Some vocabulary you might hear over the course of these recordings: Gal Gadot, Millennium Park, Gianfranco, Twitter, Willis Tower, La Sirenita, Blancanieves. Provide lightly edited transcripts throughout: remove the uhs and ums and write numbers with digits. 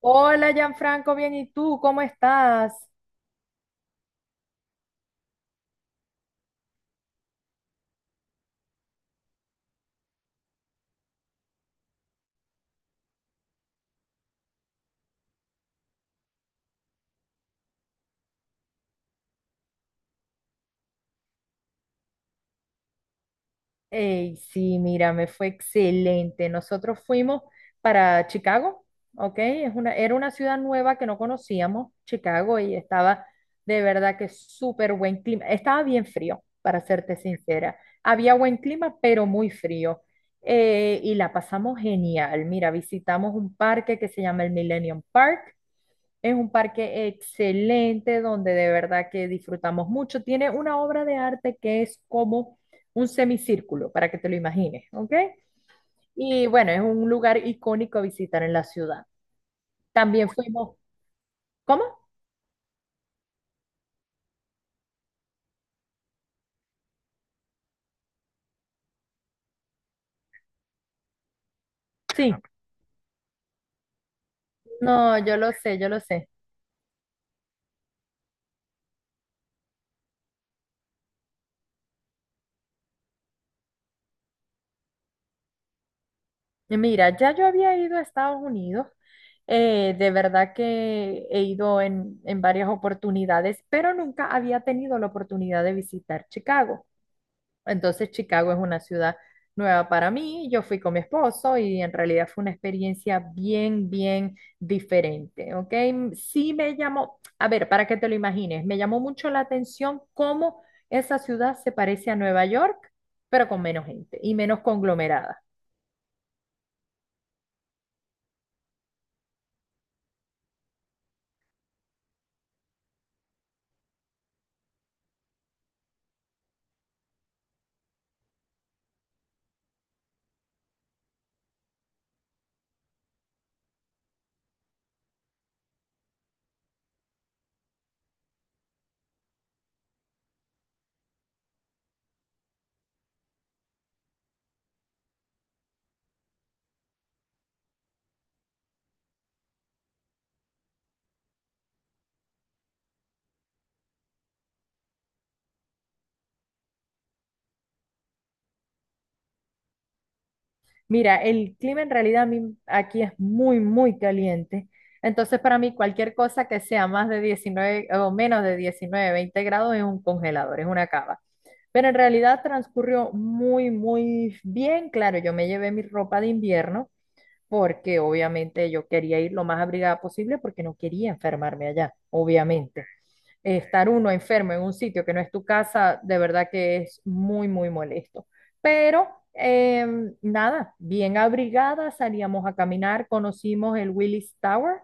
Hola, Gianfranco, bien, ¿y tú cómo estás? Ey, sí, mira, me fue excelente. Nosotros fuimos para Chicago, ¿ok? Es una, era una ciudad nueva que no conocíamos, Chicago, y estaba de verdad que súper buen clima. Estaba bien frío, para serte sincera. Había buen clima, pero muy frío. Y la pasamos genial. Mira, visitamos un parque que se llama el Millennium Park. Es un parque excelente donde de verdad que disfrutamos mucho. Tiene una obra de arte que es como un semicírculo, para que te lo imagines, ¿ok? Y bueno, es un lugar icónico a visitar en la ciudad. También fuimos, ¿cómo? Sí, no, yo lo sé, yo lo sé. Mira, ya yo había ido a Estados Unidos, de verdad que he ido en varias oportunidades, pero nunca había tenido la oportunidad de visitar Chicago. Entonces Chicago es una ciudad nueva para mí. Yo fui con mi esposo y en realidad fue una experiencia bien, bien diferente, ¿ok? Sí me llamó, a ver, para que te lo imagines, me llamó mucho la atención cómo esa ciudad se parece a Nueva York, pero con menos gente y menos conglomerada. Mira, el clima en realidad a mí aquí es muy, muy caliente. Entonces, para mí, cualquier cosa que sea más de 19 o menos de 19, 20 grados es un congelador, es una cava. Pero en realidad transcurrió muy, muy bien. Claro, yo me llevé mi ropa de invierno porque obviamente yo quería ir lo más abrigada posible porque no quería enfermarme allá, obviamente estar uno enfermo en un sitio que no es tu casa, de verdad que es muy, muy molesto. Pero eh, nada, bien abrigada, salíamos a caminar, conocimos el Willis Tower,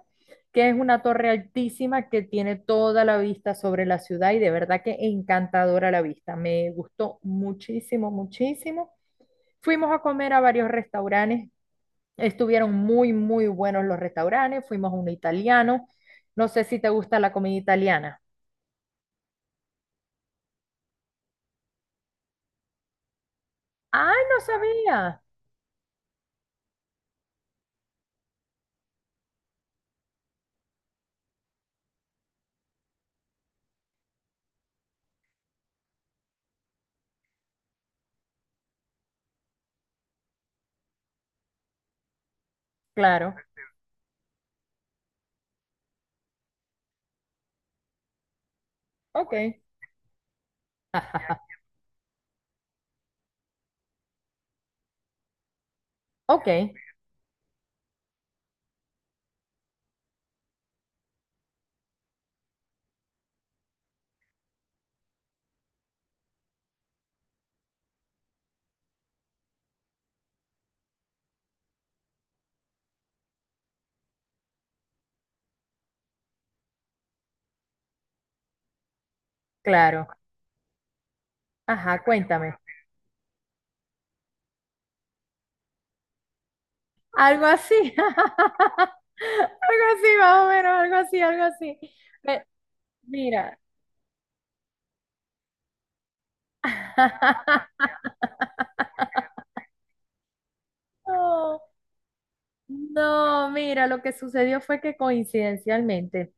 que es una torre altísima que tiene toda la vista sobre la ciudad y de verdad que encantadora la vista. Me gustó muchísimo, muchísimo. Fuimos a comer a varios restaurantes, estuvieron muy, muy buenos los restaurantes, fuimos a un italiano. No sé si te gusta la comida italiana. Ay, no sabía. Claro, ok. Ajá. Ok, claro. Ajá, cuéntame. Algo así. Algo así, más o menos, algo así, algo así. Me- mira. Oh, no, mira, lo que sucedió fue que coincidencialmente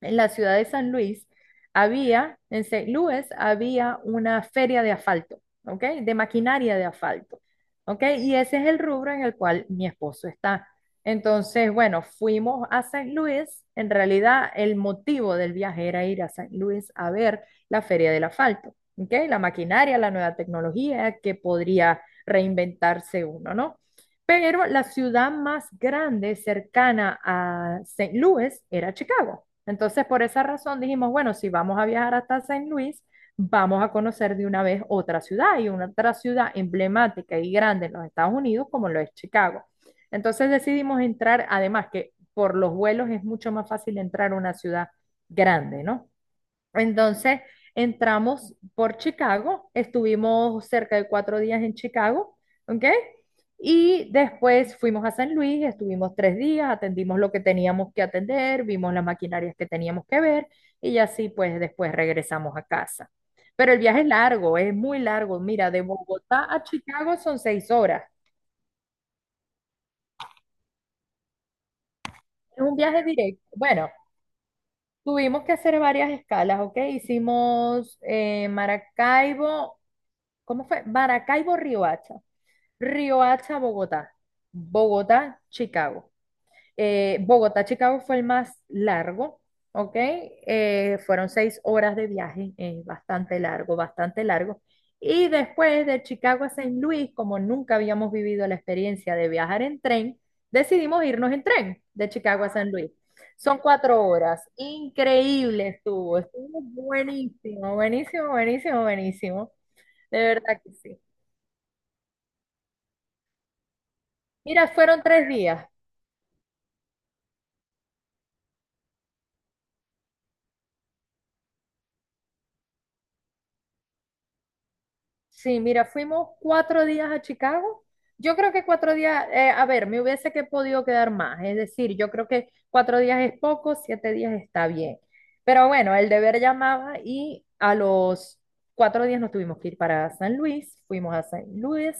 en la ciudad de San Luis había, en Saint Louis había una feria de asfalto, ¿ok? De maquinaria de asfalto, ¿ok? Y ese es el rubro en el cual mi esposo está. Entonces, bueno, fuimos a Saint Louis. En realidad, el motivo del viaje era ir a Saint Louis a ver la feria del asfalto, ¿ok? La maquinaria, la nueva tecnología que podría reinventarse uno, ¿no? Pero la ciudad más grande cercana a Saint Louis era Chicago. Entonces, por esa razón dijimos, bueno, si vamos a viajar hasta Saint Louis, vamos a conocer de una vez otra ciudad y una otra ciudad emblemática y grande en los Estados Unidos como lo es Chicago. Entonces decidimos entrar, además que por los vuelos es mucho más fácil entrar a una ciudad grande, ¿no? Entonces entramos por Chicago, estuvimos cerca de 4 días en Chicago, ¿ok? Y después fuimos a San Luis, estuvimos 3 días, atendimos lo que teníamos que atender, vimos las maquinarias que teníamos que ver y así pues después regresamos a casa. Pero el viaje es largo, es muy largo. Mira, de Bogotá a Chicago son 6 horas. Es un viaje directo. Bueno, tuvimos que hacer varias escalas, ¿ok? Hicimos Maracaibo, ¿cómo fue? Maracaibo, Riohacha. Riohacha, Bogotá. Bogotá, Chicago. Bogotá, Chicago fue el más largo, ¿ok? Fueron 6 horas de viaje, bastante largo, bastante largo. Y después de Chicago a San Luis, como nunca habíamos vivido la experiencia de viajar en tren, decidimos irnos en tren de Chicago a San Luis. Son 4 horas. Increíble estuvo. Estuvo buenísimo, buenísimo, buenísimo, buenísimo. De verdad que sí. Mira, fueron 3 días. Sí, mira, fuimos 4 días a Chicago. Yo creo que 4 días, a ver, me hubiese que podido quedar más. Es decir, yo creo que cuatro días es poco, 7 días está bien. Pero bueno, el deber llamaba y a los 4 días nos tuvimos que ir para San Luis. Fuimos a San Luis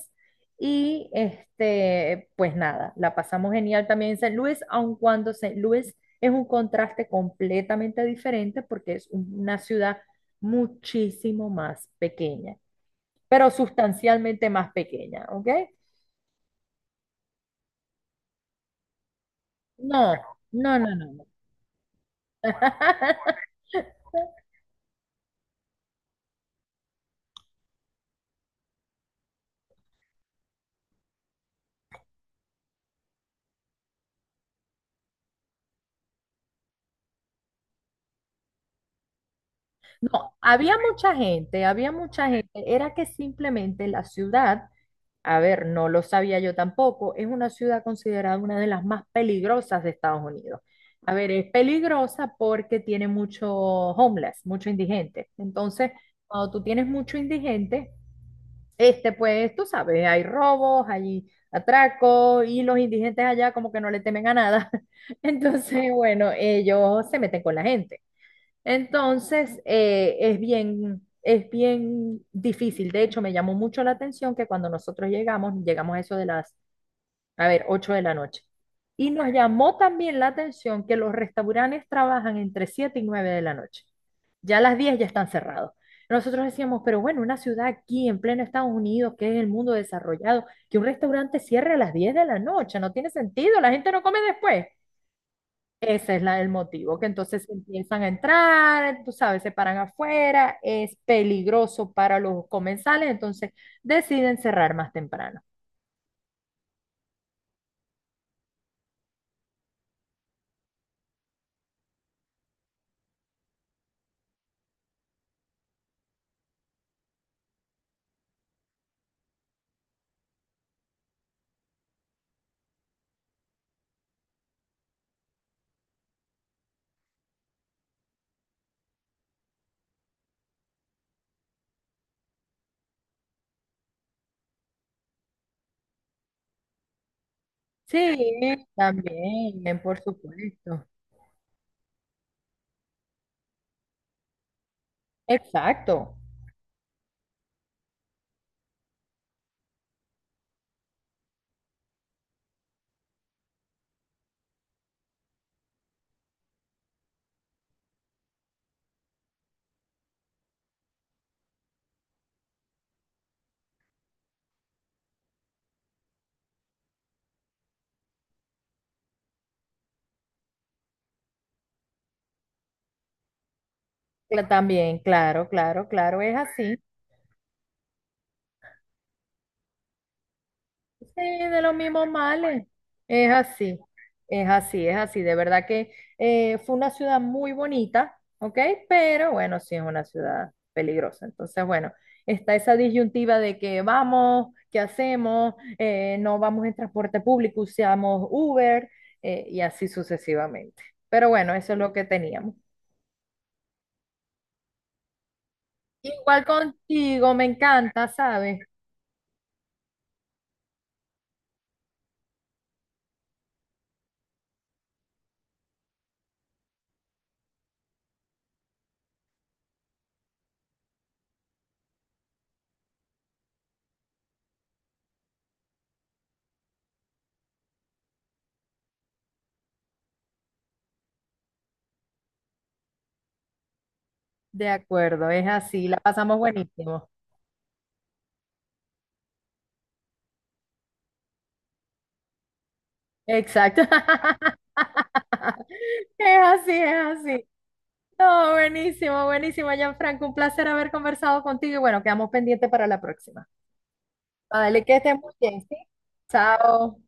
y este, pues nada, la pasamos genial también en San Luis, aun cuando San Luis es un contraste completamente diferente porque es una ciudad muchísimo más pequeña pero sustancialmente más pequeña, ¿ok? No, no, no, no. No, había mucha gente, había mucha gente. Era que simplemente la ciudad, a ver, no lo sabía yo tampoco, es una ciudad considerada una de las más peligrosas de Estados Unidos. A ver, es peligrosa porque tiene mucho homeless, mucho indigente. Entonces, cuando tú tienes mucho indigente, este, pues, tú sabes, hay robos, hay atracos y los indigentes allá como que no le temen a nada. Entonces, bueno, ellos se meten con la gente. Entonces, es bien difícil. De hecho, me llamó mucho la atención que cuando nosotros llegamos, llegamos a eso de las, a ver, 8 de la noche. Y nos llamó también la atención que los restaurantes trabajan entre 7 y 9 de la noche, ya a las 10 ya están cerrados. Nosotros decíamos, pero bueno, una ciudad aquí en pleno Estados Unidos, que es el mundo desarrollado, que un restaurante cierre a las 10 de la noche, no tiene sentido, la gente no come después. Ese es la, el motivo, que entonces empiezan a entrar, tú sabes, se paran afuera, es peligroso para los comensales, entonces deciden cerrar más temprano. Sí, también, por supuesto. Exacto. También, claro, claro, claro, es así. Sí, de los mismos males. Es así, es así, es así. De verdad que fue una ciudad muy bonita, ¿ok? Pero bueno, sí es una ciudad peligrosa. Entonces, bueno, está esa disyuntiva de que vamos, qué hacemos. No vamos en transporte público, usamos Uber y así sucesivamente. Pero bueno, eso es lo que teníamos. Igual contigo, me encanta, ¿sabes? De acuerdo, es así, la pasamos buenísimo. Exacto. Es así, es así. No, buenísimo, buenísimo, Gianfranco. Un placer haber conversado contigo y bueno, quedamos pendientes para la próxima. Vale, que estén muy bien, ¿sí? Chao.